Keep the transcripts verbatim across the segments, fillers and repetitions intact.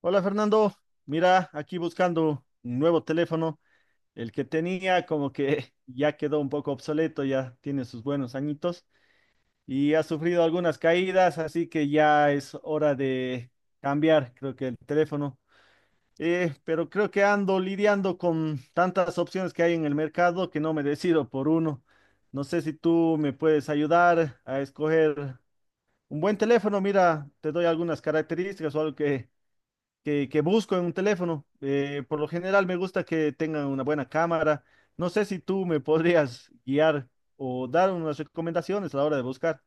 Hola Fernando, mira, aquí buscando un nuevo teléfono. El que tenía como que ya quedó un poco obsoleto, ya tiene sus buenos añitos y ha sufrido algunas caídas, así que ya es hora de cambiar, creo que el teléfono. Eh, pero creo que ando lidiando con tantas opciones que hay en el mercado que no me decido por uno. No sé si tú me puedes ayudar a escoger un buen teléfono. Mira, te doy algunas características o algo que que, que busco en un teléfono. Eh, por lo general me gusta que tengan una buena cámara. No sé si tú me podrías guiar o dar unas recomendaciones a la hora de buscar.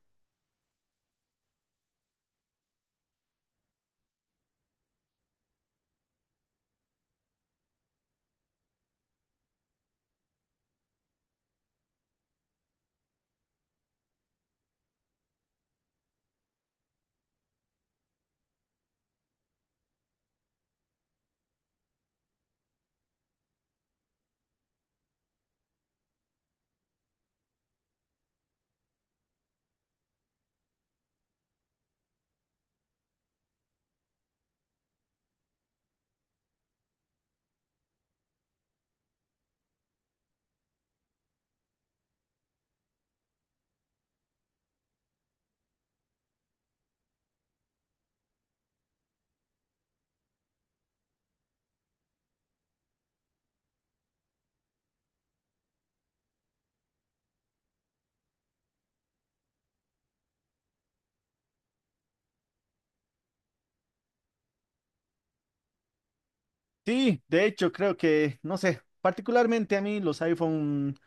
Sí, de hecho creo que, no sé, particularmente a mí los iPhone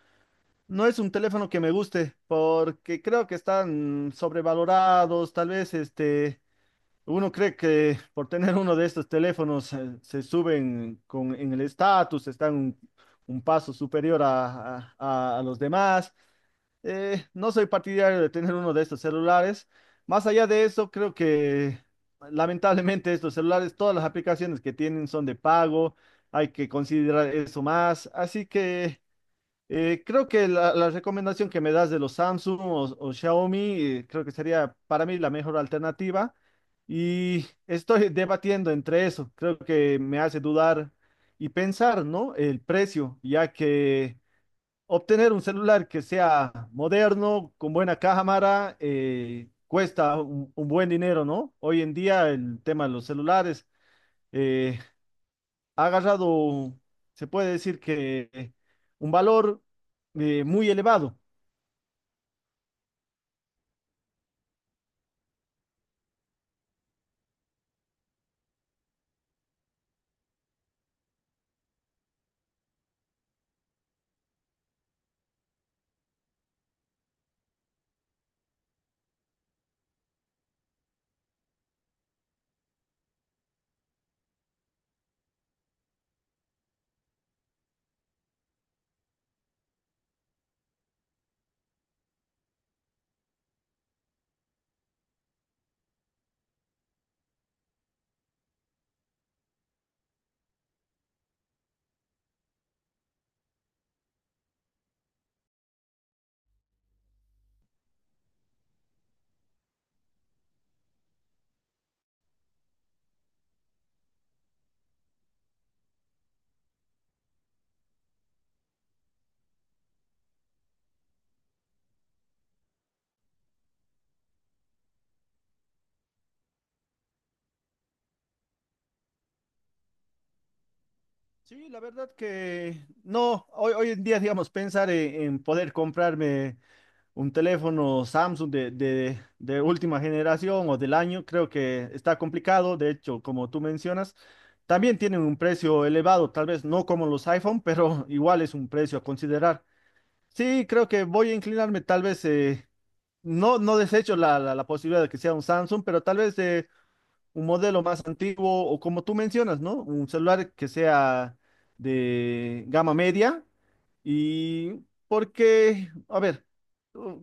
no es un teléfono que me guste porque creo que están sobrevalorados. Tal vez este, uno cree que por tener uno de estos teléfonos eh, se suben con, en el estatus, están un, un paso superior a a- a- a los demás. Eh, no soy partidario de tener uno de estos celulares. Más allá de eso, creo que lamentablemente estos celulares, todas las aplicaciones que tienen son de pago. Hay que considerar eso más. Así que eh, creo que la, la recomendación que me das de los Samsung o, o Xiaomi, eh, creo que sería para mí la mejor alternativa. Y estoy debatiendo entre eso. Creo que me hace dudar y pensar, ¿no? El precio, ya que... Obtener un celular que sea moderno, con buena cámara, eh, cuesta un, un buen dinero, ¿no? Hoy en día el tema de los celulares eh, ha agarrado, se puede decir que eh, un valor eh, muy elevado. Sí, la verdad que no, hoy, hoy en día, digamos, pensar en, en poder comprarme un teléfono Samsung de, de, de última generación o del año, creo que está complicado. De hecho, como tú mencionas, también tienen un precio elevado, tal vez no como los iPhone, pero igual es un precio a considerar. Sí, creo que voy a inclinarme, tal vez, eh, no, no desecho la, la, la posibilidad de que sea un Samsung, pero tal vez... eh, un modelo más antiguo o como tú mencionas, ¿no? Un celular que sea de gama media y porque, a ver,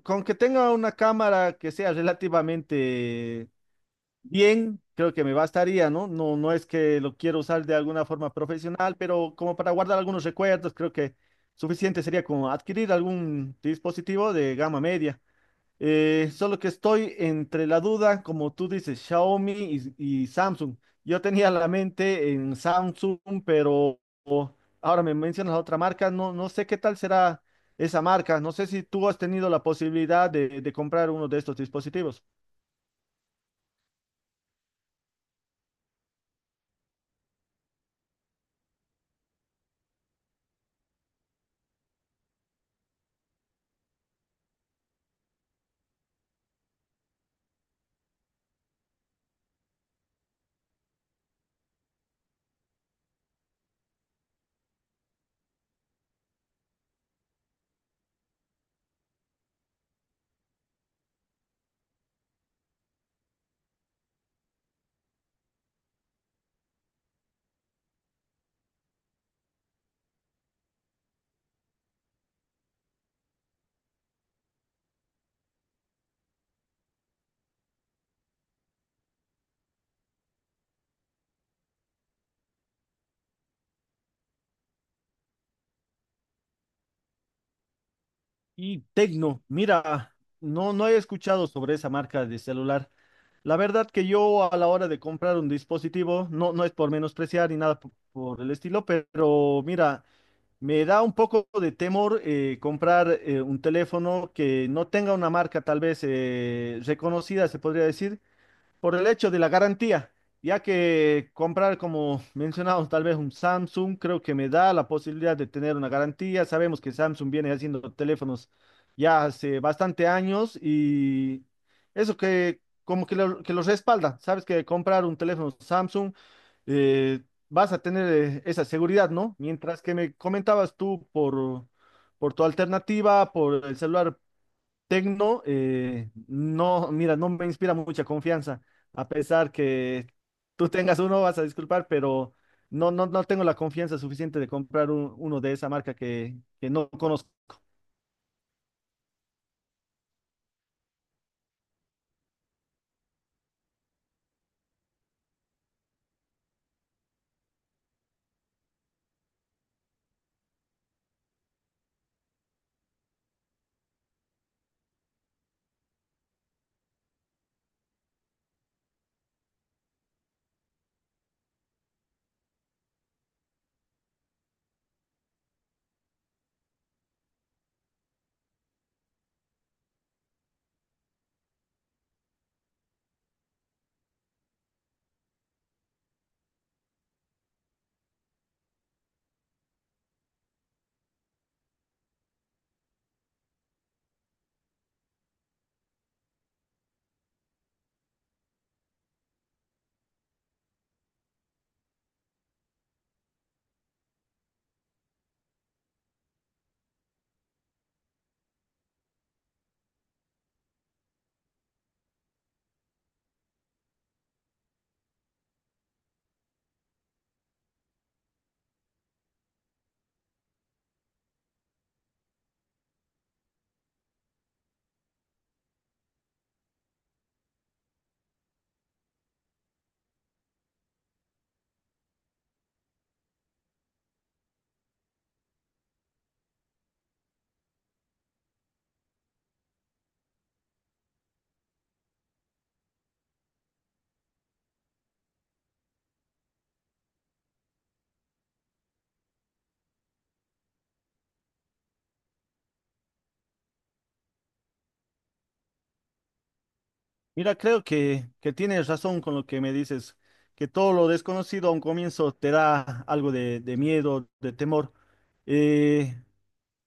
con que tenga una cámara que sea relativamente bien, creo que me bastaría, ¿no? No, no es que lo quiero usar de alguna forma profesional, pero como para guardar algunos recuerdos, creo que suficiente sería como adquirir algún dispositivo de gama media. Eh, solo que estoy entre la duda, como tú dices, Xiaomi y, y Samsung. Yo tenía la mente en Samsung, pero ahora me mencionas otra marca. No, no sé qué tal será esa marca. No sé si tú has tenido la posibilidad de, de comprar uno de estos dispositivos. Y Tecno, mira, no, no he escuchado sobre esa marca de celular. La verdad que yo a la hora de comprar un dispositivo, no, no es por menospreciar ni nada p- por el estilo, pero mira. Me da un poco de temor eh, comprar eh, un teléfono que no tenga una marca tal vez eh, reconocida, se podría decir, por el hecho de la garantía, ya que comprar, como mencionamos, tal vez un Samsung, creo que me da la posibilidad de tener una garantía. Sabemos que Samsung viene haciendo teléfonos ya hace bastante años y eso que como que lo, que lo respalda. Sabes que comprar un teléfono Samsung eh, vas a tener eh, esa seguridad, ¿no? Mientras que me comentabas tú por, por tu alternativa, por el celular Tecno, eh, no, mira, no me inspira mucha confianza, a pesar que tú tengas uno, vas a disculpar, pero no, no, no tengo la confianza suficiente de comprar un- uno de esa marca que, que no conozco. Mira, creo que, que tienes razón con lo que me dices, que todo lo desconocido a un comienzo te da algo de, de miedo, de temor. Eh,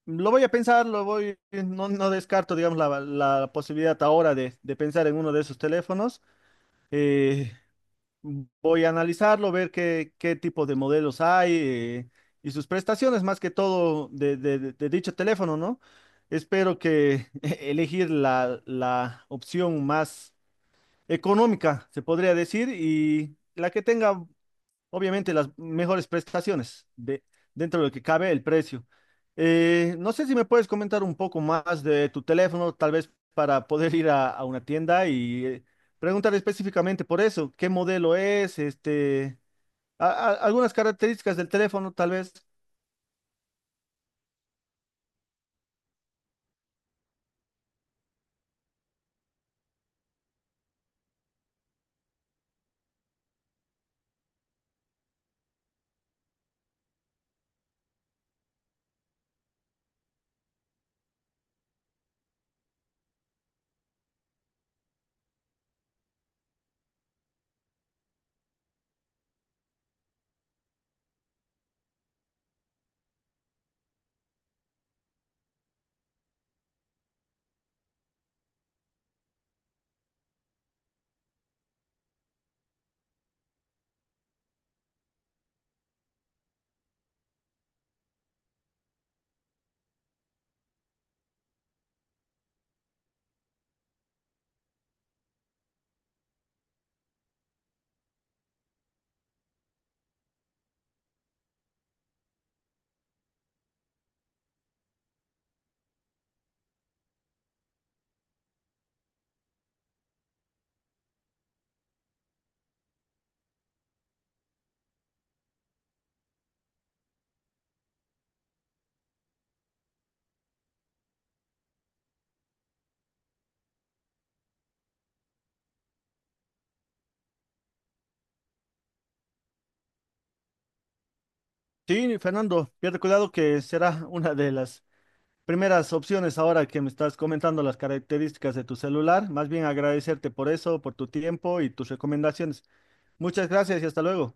lo voy a pensar, lo voy, no, no descarto, digamos, la, la posibilidad ahora de, de pensar en uno de esos teléfonos. Eh, Voy a analizarlo, ver qué, qué tipo de modelos hay eh, y sus prestaciones, más que todo de, de- de- de dicho teléfono, ¿no? Espero que elegir la, la opción más económica, se podría decir, y la que tenga obviamente las mejores prestaciones de, dentro de lo que cabe el precio. Eh, no sé si me puedes comentar un poco más de tu teléfono, tal vez para poder ir a, a una tienda y eh, preguntar específicamente por eso, qué modelo es, este, a- a- algunas características del teléfono, tal vez. Sí, Fernando, pierde cuidado que será una de las primeras opciones ahora que me estás comentando las características de tu celular. Más bien agradecerte por eso, por tu tiempo y tus recomendaciones. Muchas gracias y hasta luego.